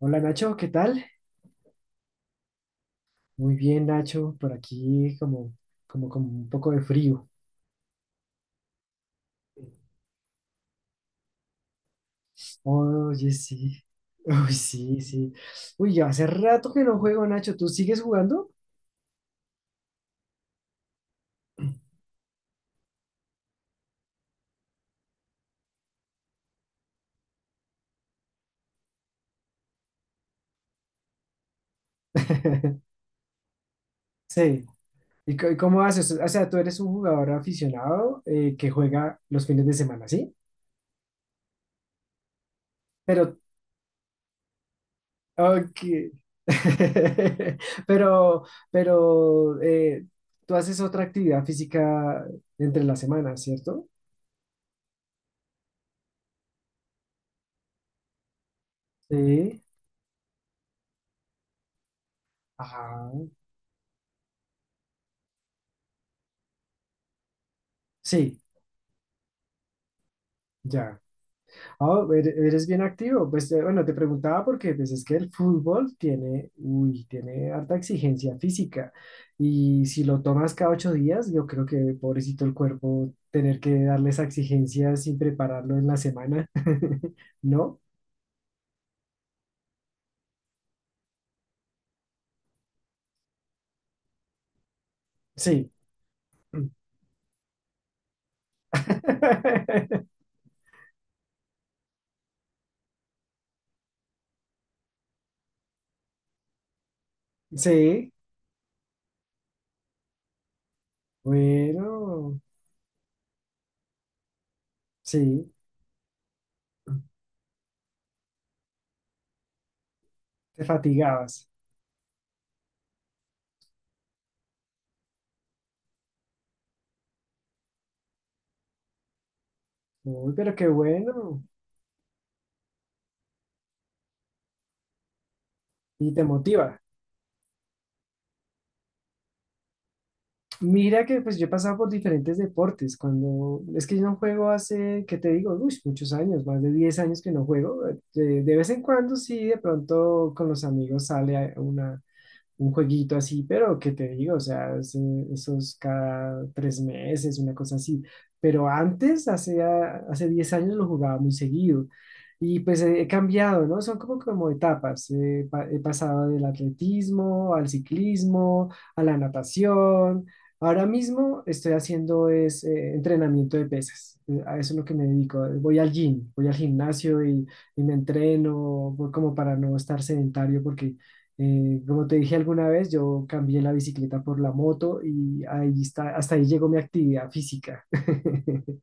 Hola Nacho, ¿qué tal? Muy bien Nacho, por aquí como un poco de frío. Oye, sí. Uy, sí, sí. Uy, ya hace rato que no juego Nacho, ¿tú sigues jugando? Sí. ¿Y cómo haces? O sea, tú eres un jugador aficionado que juega los fines de semana, ¿sí? Pero, ok. Pero, pero, tú haces otra actividad física entre la semana, ¿cierto? Sí. Ajá. Sí. Ya. Ah, eres bien activo. Pues bueno, te preguntaba porque pues, es que el fútbol tiene, uy, tiene harta exigencia física. Y si lo tomas cada 8 días, yo creo que pobrecito el cuerpo tener que darle esa exigencia sin prepararlo en la semana. ¿No? Sí. Sí. Bueno, sí. Te fatigabas. Uy, pero qué bueno. Y te motiva. Mira que pues yo he pasado por diferentes deportes. Cuando es que yo no juego hace, ¿qué te digo? Uy, muchos años, más de 10 años que no juego. De vez en cuando sí, de pronto con los amigos sale a un jueguito así, pero ¿qué te digo? O sea, esos cada 3 meses, una cosa así. Pero antes, hace 10 años, lo jugaba muy seguido. Y pues he cambiado, ¿no? Son como etapas. He pasado del atletismo al ciclismo, a la natación. Ahora mismo estoy haciendo es, entrenamiento de pesas. A eso es lo que me dedico. Voy al gym, voy al gimnasio y, me entreno voy como para no estar sedentario porque como te dije alguna vez, yo cambié la bicicleta por la moto y ahí está, hasta ahí llegó mi actividad física.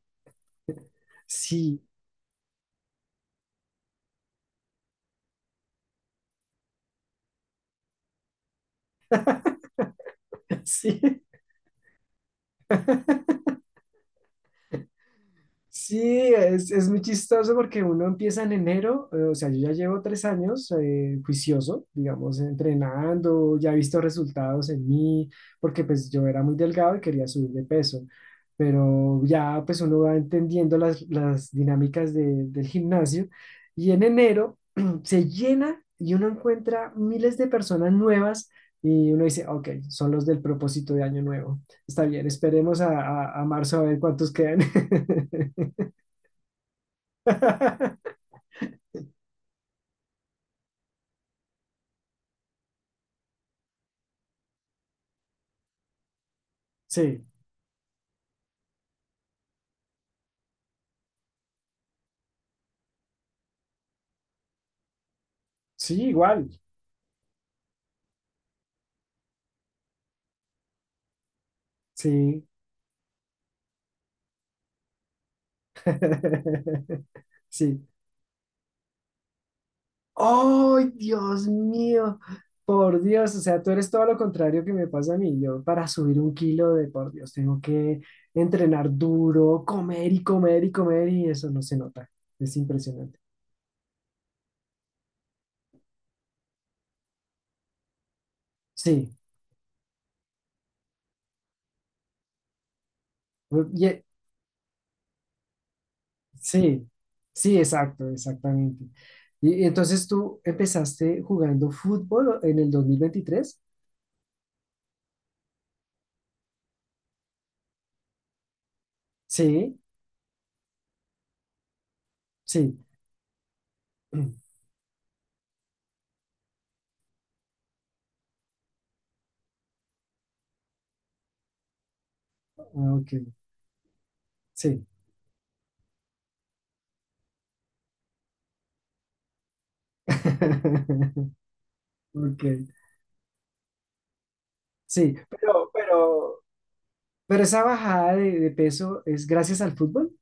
Sí, sí. Sí, es muy chistoso porque uno empieza en enero, o sea, yo ya llevo 3 años juicioso, digamos, entrenando, ya he visto resultados en mí, porque pues yo era muy delgado y quería subir de peso, pero ya pues uno va entendiendo las dinámicas del gimnasio y en enero se llena y uno encuentra miles de personas nuevas y uno dice, ok, son los del propósito de año nuevo, está bien, esperemos a, a marzo a ver cuántos quedan. Sí, sí, igual. Sí. Sí. ¡Ay, Dios mío! Por Dios, o sea, tú eres todo lo contrario que me pasa a mí. Yo para subir un kilo de, por Dios, tengo que entrenar duro, comer y comer y comer y eso no se nota. Es impresionante. Sí, y- sí, sí, exacto, exactamente. Y entonces tú empezaste jugando fútbol en el 2023. Sí, sí. Ah, ok, sí. Ok, sí, pero, pero esa bajada de peso es gracias al fútbol.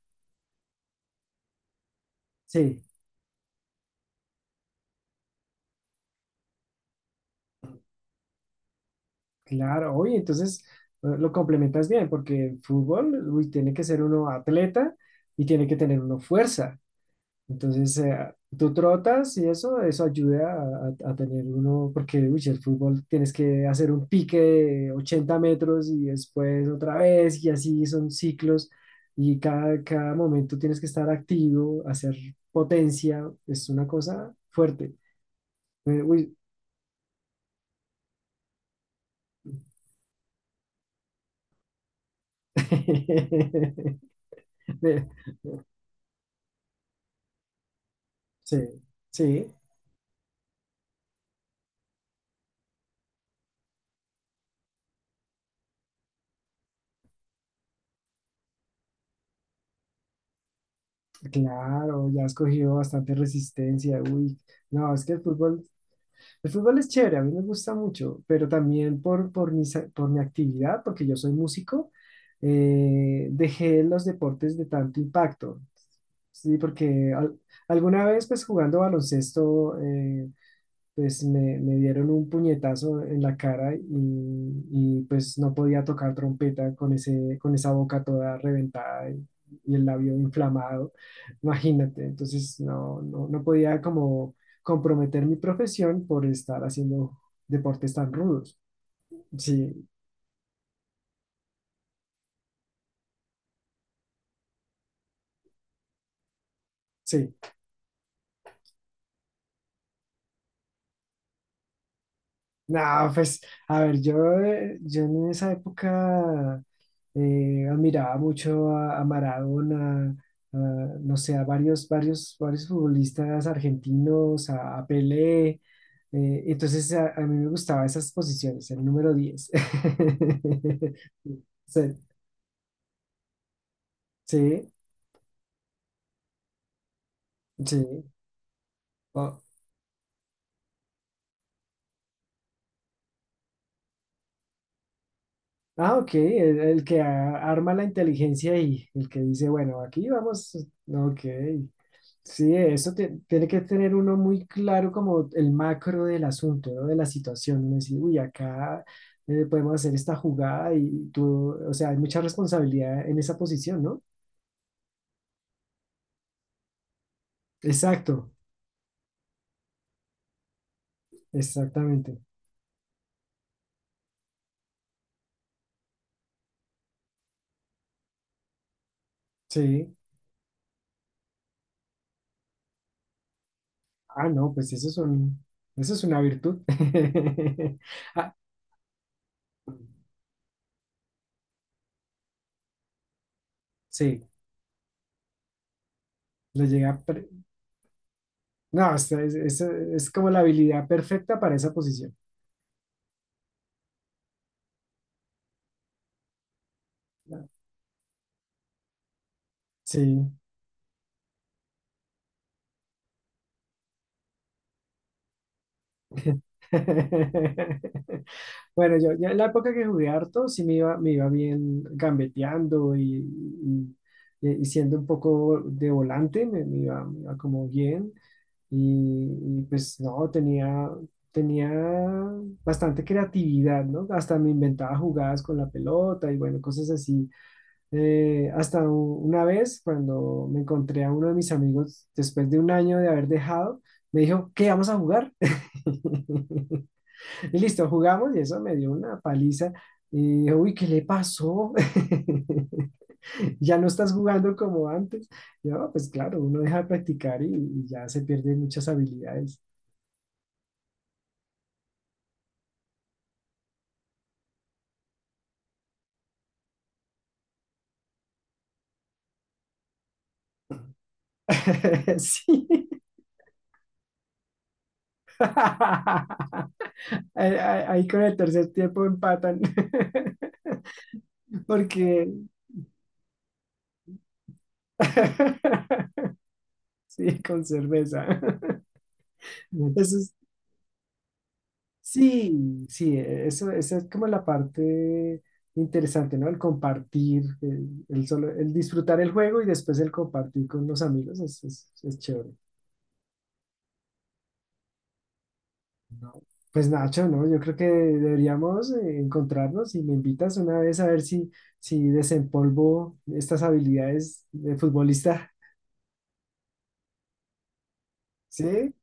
Sí, claro, oye, entonces lo complementas bien, porque el fútbol, uy, tiene que ser uno atleta y tiene que tener uno fuerza. Entonces, tú trotas y eso ayuda a, a tener uno, porque uy, el fútbol tienes que hacer un pique de 80 metros y después otra vez y así son ciclos y cada, cada momento tienes que estar activo, hacer potencia, es una cosa fuerte. Uy. Eh, sí, sí, claro, ya has cogido bastante resistencia, uy. No, es que el fútbol. El fútbol es chévere, a mí me gusta mucho, pero también por, mi, por mi actividad, porque yo soy músico, dejé los deportes de tanto impacto. Sí, porque alguna vez, pues jugando baloncesto, pues me dieron un puñetazo en la cara y pues no podía tocar trompeta con ese, con esa boca toda reventada y el labio inflamado, imagínate, entonces no, no, no podía como comprometer mi profesión por estar haciendo deportes tan rudos. Sí, sí. No, pues, a ver, yo, yo en esa época admiraba mucho a Maradona, a, no sé, a varios futbolistas argentinos, a Pelé. Entonces, a mí me gustaban esas posiciones, el número 10. Sí, sí, sí. Oh, ah, ok, el que arma la inteligencia y el que dice, bueno, aquí vamos, ok. Sí, eso tiene que tener uno muy claro como el macro del asunto, ¿no? De la situación. Uno decir, uy, acá podemos hacer esta jugada y tú, o sea, hay mucha responsabilidad en esa posición, ¿no? Exacto, exactamente. Sí. Ah, no, pues eso es un, eso es una virtud. Ah, sí, le llega. No, es, es como la habilidad perfecta para esa posición. Sí. Bueno, yo en la época que jugué harto, sí me iba bien gambeteando y, y siendo un poco de volante, me, me iba como bien. Y, y pues no, tenía, tenía bastante creatividad, ¿no? Hasta me inventaba jugadas con la pelota y bueno, cosas así. Hasta una vez cuando me encontré a uno de mis amigos después de un año de haber dejado, me dijo, ¿qué vamos a jugar? Y listo, jugamos y eso me dio una paliza. Y dije, uy, ¿qué le pasó? Ya no estás jugando como antes. Yo, "No, pues claro, uno deja de practicar y ya se pierden muchas habilidades." Sí. Ahí con el tercer tiempo empatan. Porque, sí, con cerveza. Eso es, sí, sí, eso, esa es como la parte interesante, ¿no? El compartir, el solo, el disfrutar el juego y después el compartir con los amigos es, es chévere, ¿no? Pues Nacho, ¿no? Yo creo que deberíamos encontrarnos y me invitas una vez a ver si, si desempolvo estas habilidades de futbolista. ¿Sí?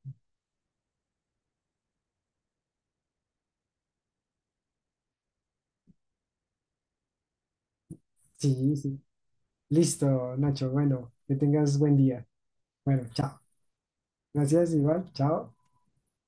Sí, sí. Listo, Nacho. Bueno, que tengas buen día. Bueno, chao. Gracias, igual. Chao.